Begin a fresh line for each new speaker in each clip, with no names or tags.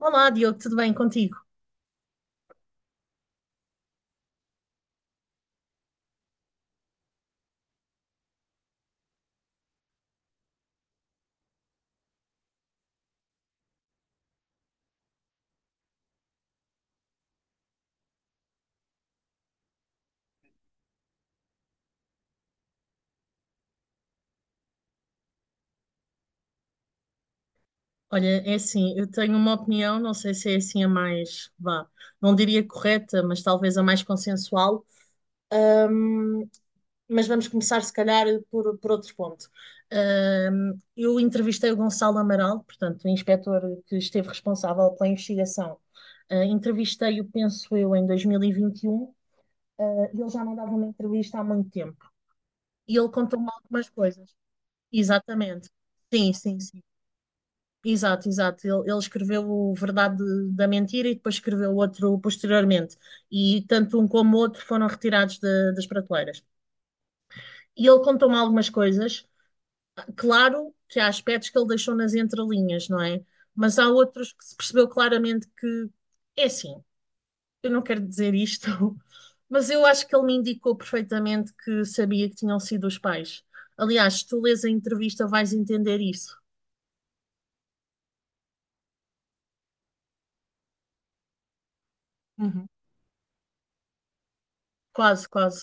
Olá, Diogo, tudo bem contigo? Olha, é assim, eu tenho uma opinião, não sei se é assim a mais, vá, não diria correta, mas talvez a mais consensual. Ahm, mas vamos começar, se calhar, por outro ponto. Eu entrevistei o Gonçalo Amaral, portanto, o inspetor que esteve responsável pela investigação. Entrevistei-o, penso eu, em 2021, ah, e ele já não dava uma entrevista há muito tempo. E ele contou-me algumas coisas. Exatamente. Sim, sim, sim. Exato, exato. Ele escreveu o Verdade da Mentira e depois escreveu outro posteriormente. E tanto um como o outro foram retirados das prateleiras. E ele contou-me algumas coisas. Claro que há aspectos que ele deixou nas entrelinhas, não é? Mas há outros que se percebeu claramente que é assim. Eu não quero dizer isto, mas eu acho que ele me indicou perfeitamente que sabia que tinham sido os pais. Aliás, se tu lês a entrevista, vais entender isso. Uhum. Quase, quase.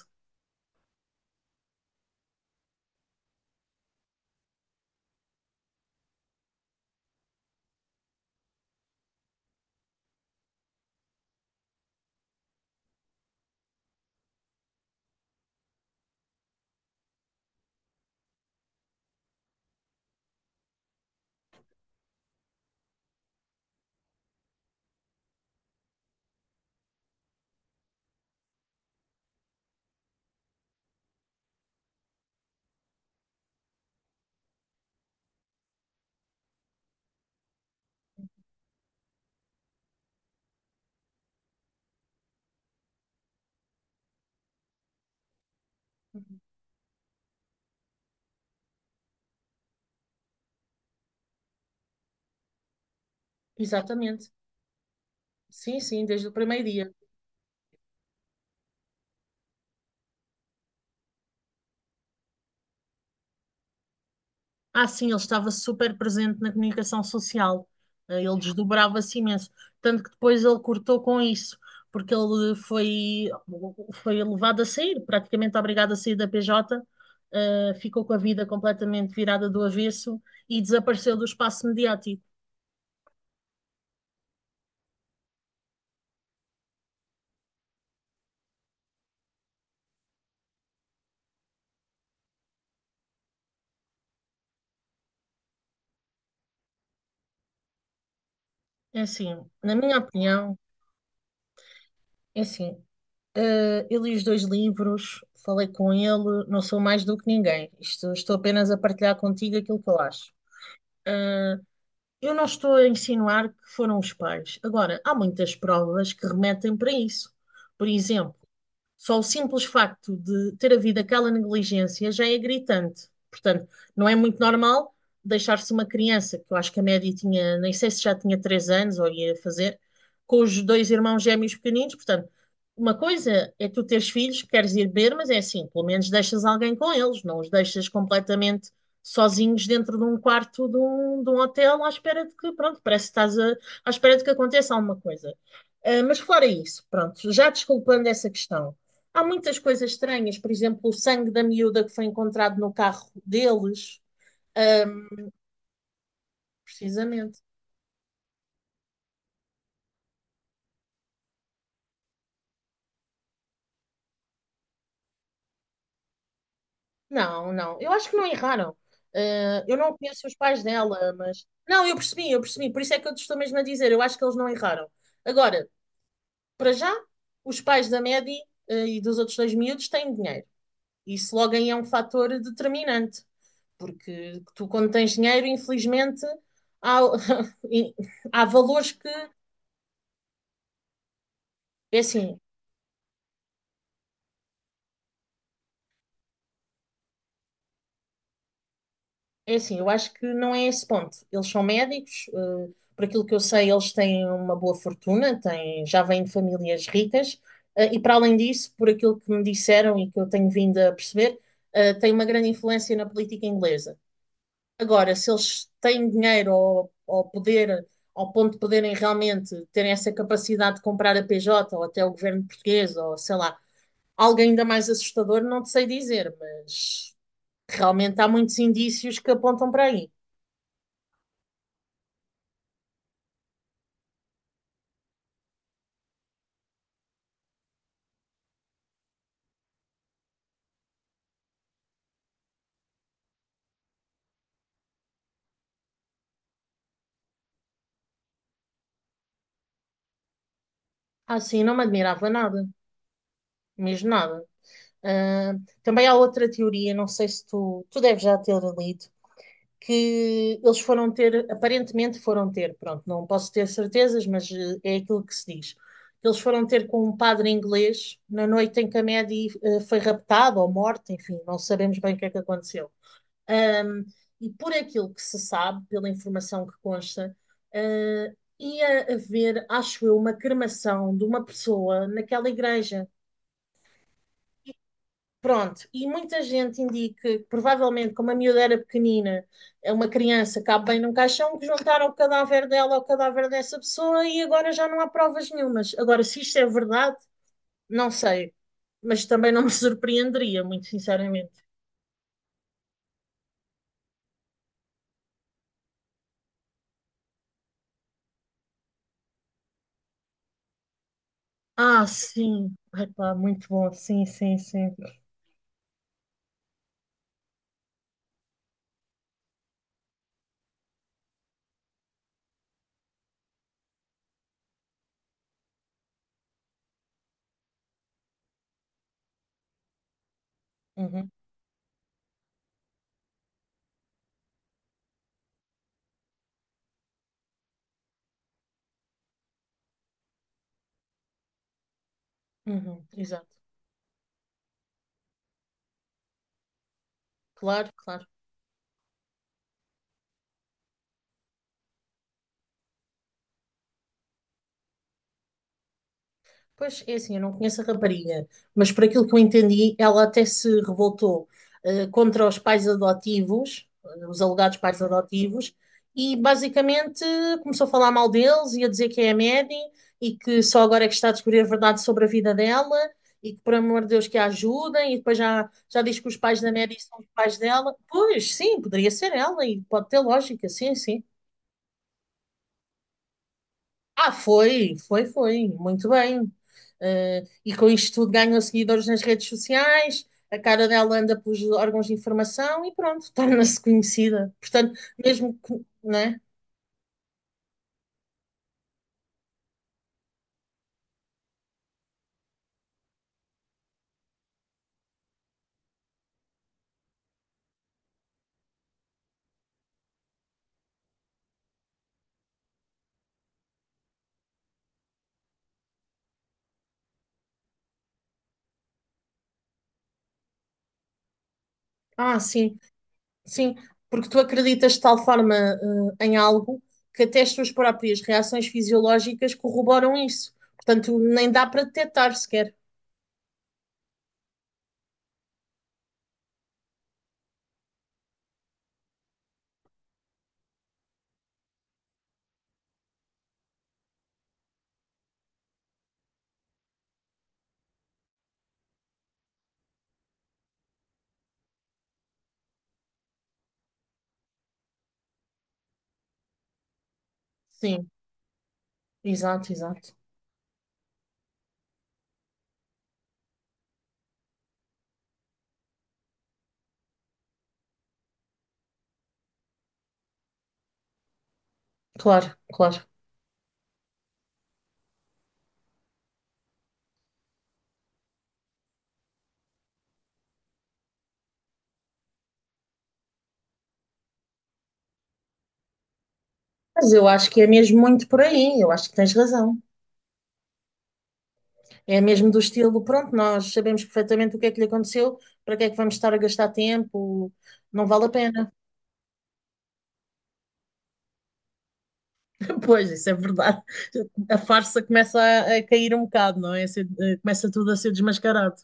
Uhum. Exatamente. Sim, sim, desde o primeiro dia. Ah, sim, ele estava super presente na comunicação social. Ele desdobrava-se imenso. Tanto que depois ele cortou com isso, porque foi levado a sair, praticamente obrigado a sair da PJ, ficou com a vida completamente virada do avesso e desapareceu do espaço mediático. É assim, na minha opinião, é assim, eu li os dois livros, falei com ele, não sou mais do que ninguém. Isto, estou apenas a partilhar contigo aquilo que eu acho. Eh, Eu não estou a insinuar que foram os pais. Agora, há muitas provas que remetem para isso. Por exemplo, só o simples facto de ter havido aquela negligência já é gritante. Portanto, não é muito normal deixar-se uma criança, que eu acho que a média tinha, nem sei se já tinha 3 anos ou ia fazer, com os dois irmãos gêmeos pequeninos. Portanto, uma coisa é tu teres filhos, queres ir beber, mas é assim, pelo menos deixas alguém com eles, não os deixas completamente sozinhos dentro de um quarto de um hotel à espera de que, pronto, parece que estás a, à espera de que aconteça alguma coisa. Ah, mas fora isso, pronto, já desculpando essa questão, há muitas coisas estranhas, por exemplo, o sangue da miúda que foi encontrado no carro deles, ahm, precisamente. Não, não, eu acho que não erraram. Ah, eu não conheço os pais dela, mas. Não, eu percebi, por isso é que eu te estou mesmo a dizer, eu acho que eles não erraram. Agora, para já, os pais da Maddie, e dos outros dois miúdos têm dinheiro. Isso logo aí é um fator determinante, porque tu, quando tens dinheiro, infelizmente, há, há valores que. É assim, É assim, eu acho que não é esse ponto. Eles são médicos, por aquilo que eu sei, eles têm uma boa fortuna, têm, já vêm de famílias ricas, e para além disso, por aquilo que me disseram e que eu tenho vindo a perceber, têm uma grande influência na política inglesa. Agora, se eles têm dinheiro ou poder, ao ponto de poderem realmente terem essa capacidade de comprar a PJ ou até o governo português, ou sei lá, algo ainda mais assustador, não te sei dizer, mas realmente há muitos indícios que apontam para aí. Ah, sim, não me admirava nada, mesmo nada. Ah, também há outra teoria, não sei se tu deves já ter lido, que eles foram ter, aparentemente foram ter, pronto, não posso ter certezas, mas é aquilo que se diz. Eles foram ter com um padre inglês na noite em que a Maddie foi raptada ou morta, enfim, não sabemos bem o que é que aconteceu. Ahm, e por aquilo que se sabe, pela informação que consta, ah, ia haver, acho eu, uma cremação de uma pessoa naquela igreja. Pronto, e muita gente indica que provavelmente, como a miúda era pequenina, é uma criança cabe bem num caixão, que juntaram o cadáver dela ao cadáver dessa pessoa e agora já não há provas nenhumas. Agora, se isto é verdade, não sei, mas também não me surpreenderia, muito sinceramente. Ah, sim. Epá, muito bom. Sim, sim, sim. Uhum, uhum, exato. Claro, claro. Pois é assim, eu não conheço a rapariga, mas por aquilo que eu entendi, ela até se revoltou contra os pais adotivos, eh, os alegados pais adotivos, e basicamente começou a falar mal deles e a dizer que é a Maddie e que só agora é que está a descobrir a verdade sobre a vida dela e que, por amor de Deus, que a ajudem. E depois já, já diz que os pais da Maddie são os pais dela. Pois, sim, poderia ser ela e pode ter lógica, sim, sim. Ah, foi, foi, foi, muito bem. E com isto tudo ganhou seguidores nas redes sociais, a cara dela anda pelos órgãos de informação e pronto, torna-se conhecida. Portanto, mesmo que, né? Ah, sim, sim, porque tu acreditas de tal forma, em algo que até as tuas próprias reações fisiológicas corroboram isso. Portanto, nem dá para detectar sequer. Sim, exato, exato. Claro, claro. Mas eu acho que é mesmo muito por aí, eu acho que tens razão. É mesmo do estilo, pronto, nós sabemos perfeitamente o que é que lhe aconteceu, para que é que vamos estar a gastar tempo? Não vale a pena. Pois, isso é verdade. A farsa começa a cair um bocado, não é? Começa tudo a ser desmascarado.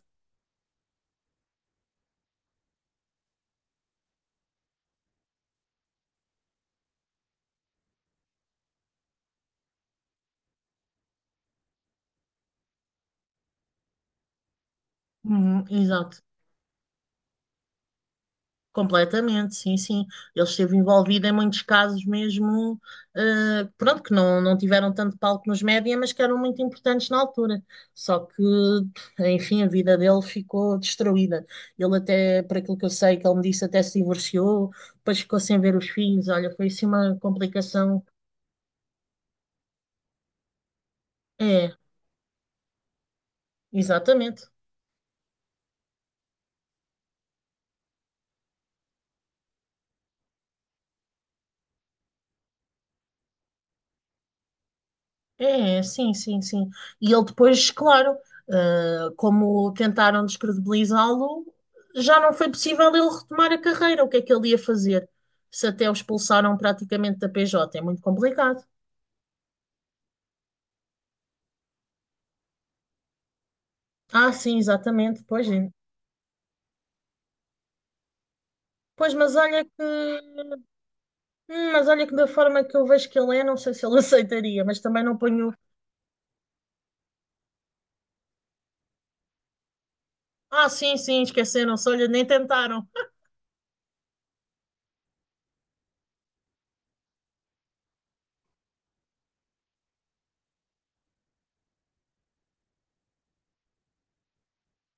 Uhum, exato. Completamente, sim, sim. Ele esteve envolvido em muitos casos mesmo, pronto, que não tiveram tanto palco nos média, mas que eram muito importantes na altura. Só que, enfim, a vida dele ficou destruída. Ele até, por aquilo que eu sei, que ele me disse, até se divorciou, depois ficou sem ver os filhos. Olha, foi assim uma complicação. É, exatamente. É, é, sim, sim, sim. E ele depois, claro, como tentaram descredibilizá-lo, já não foi possível ele retomar a carreira. O que é que ele ia fazer? Se até o expulsaram praticamente da PJ, é muito complicado. Ah, sim, exatamente, pois é. Pois, mas olha que da forma que eu vejo que ele é, não sei se ele aceitaria, mas também não ponho. Ah, sim, sim, esqueceram-se, olha, nem tentaram.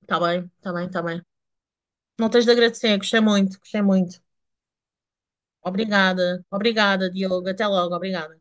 Tá bem, tá bem, tá bem. Não tens de agradecer, gostei muito, gostei muito. Obrigada, obrigada, Diogo. Até logo, obrigada.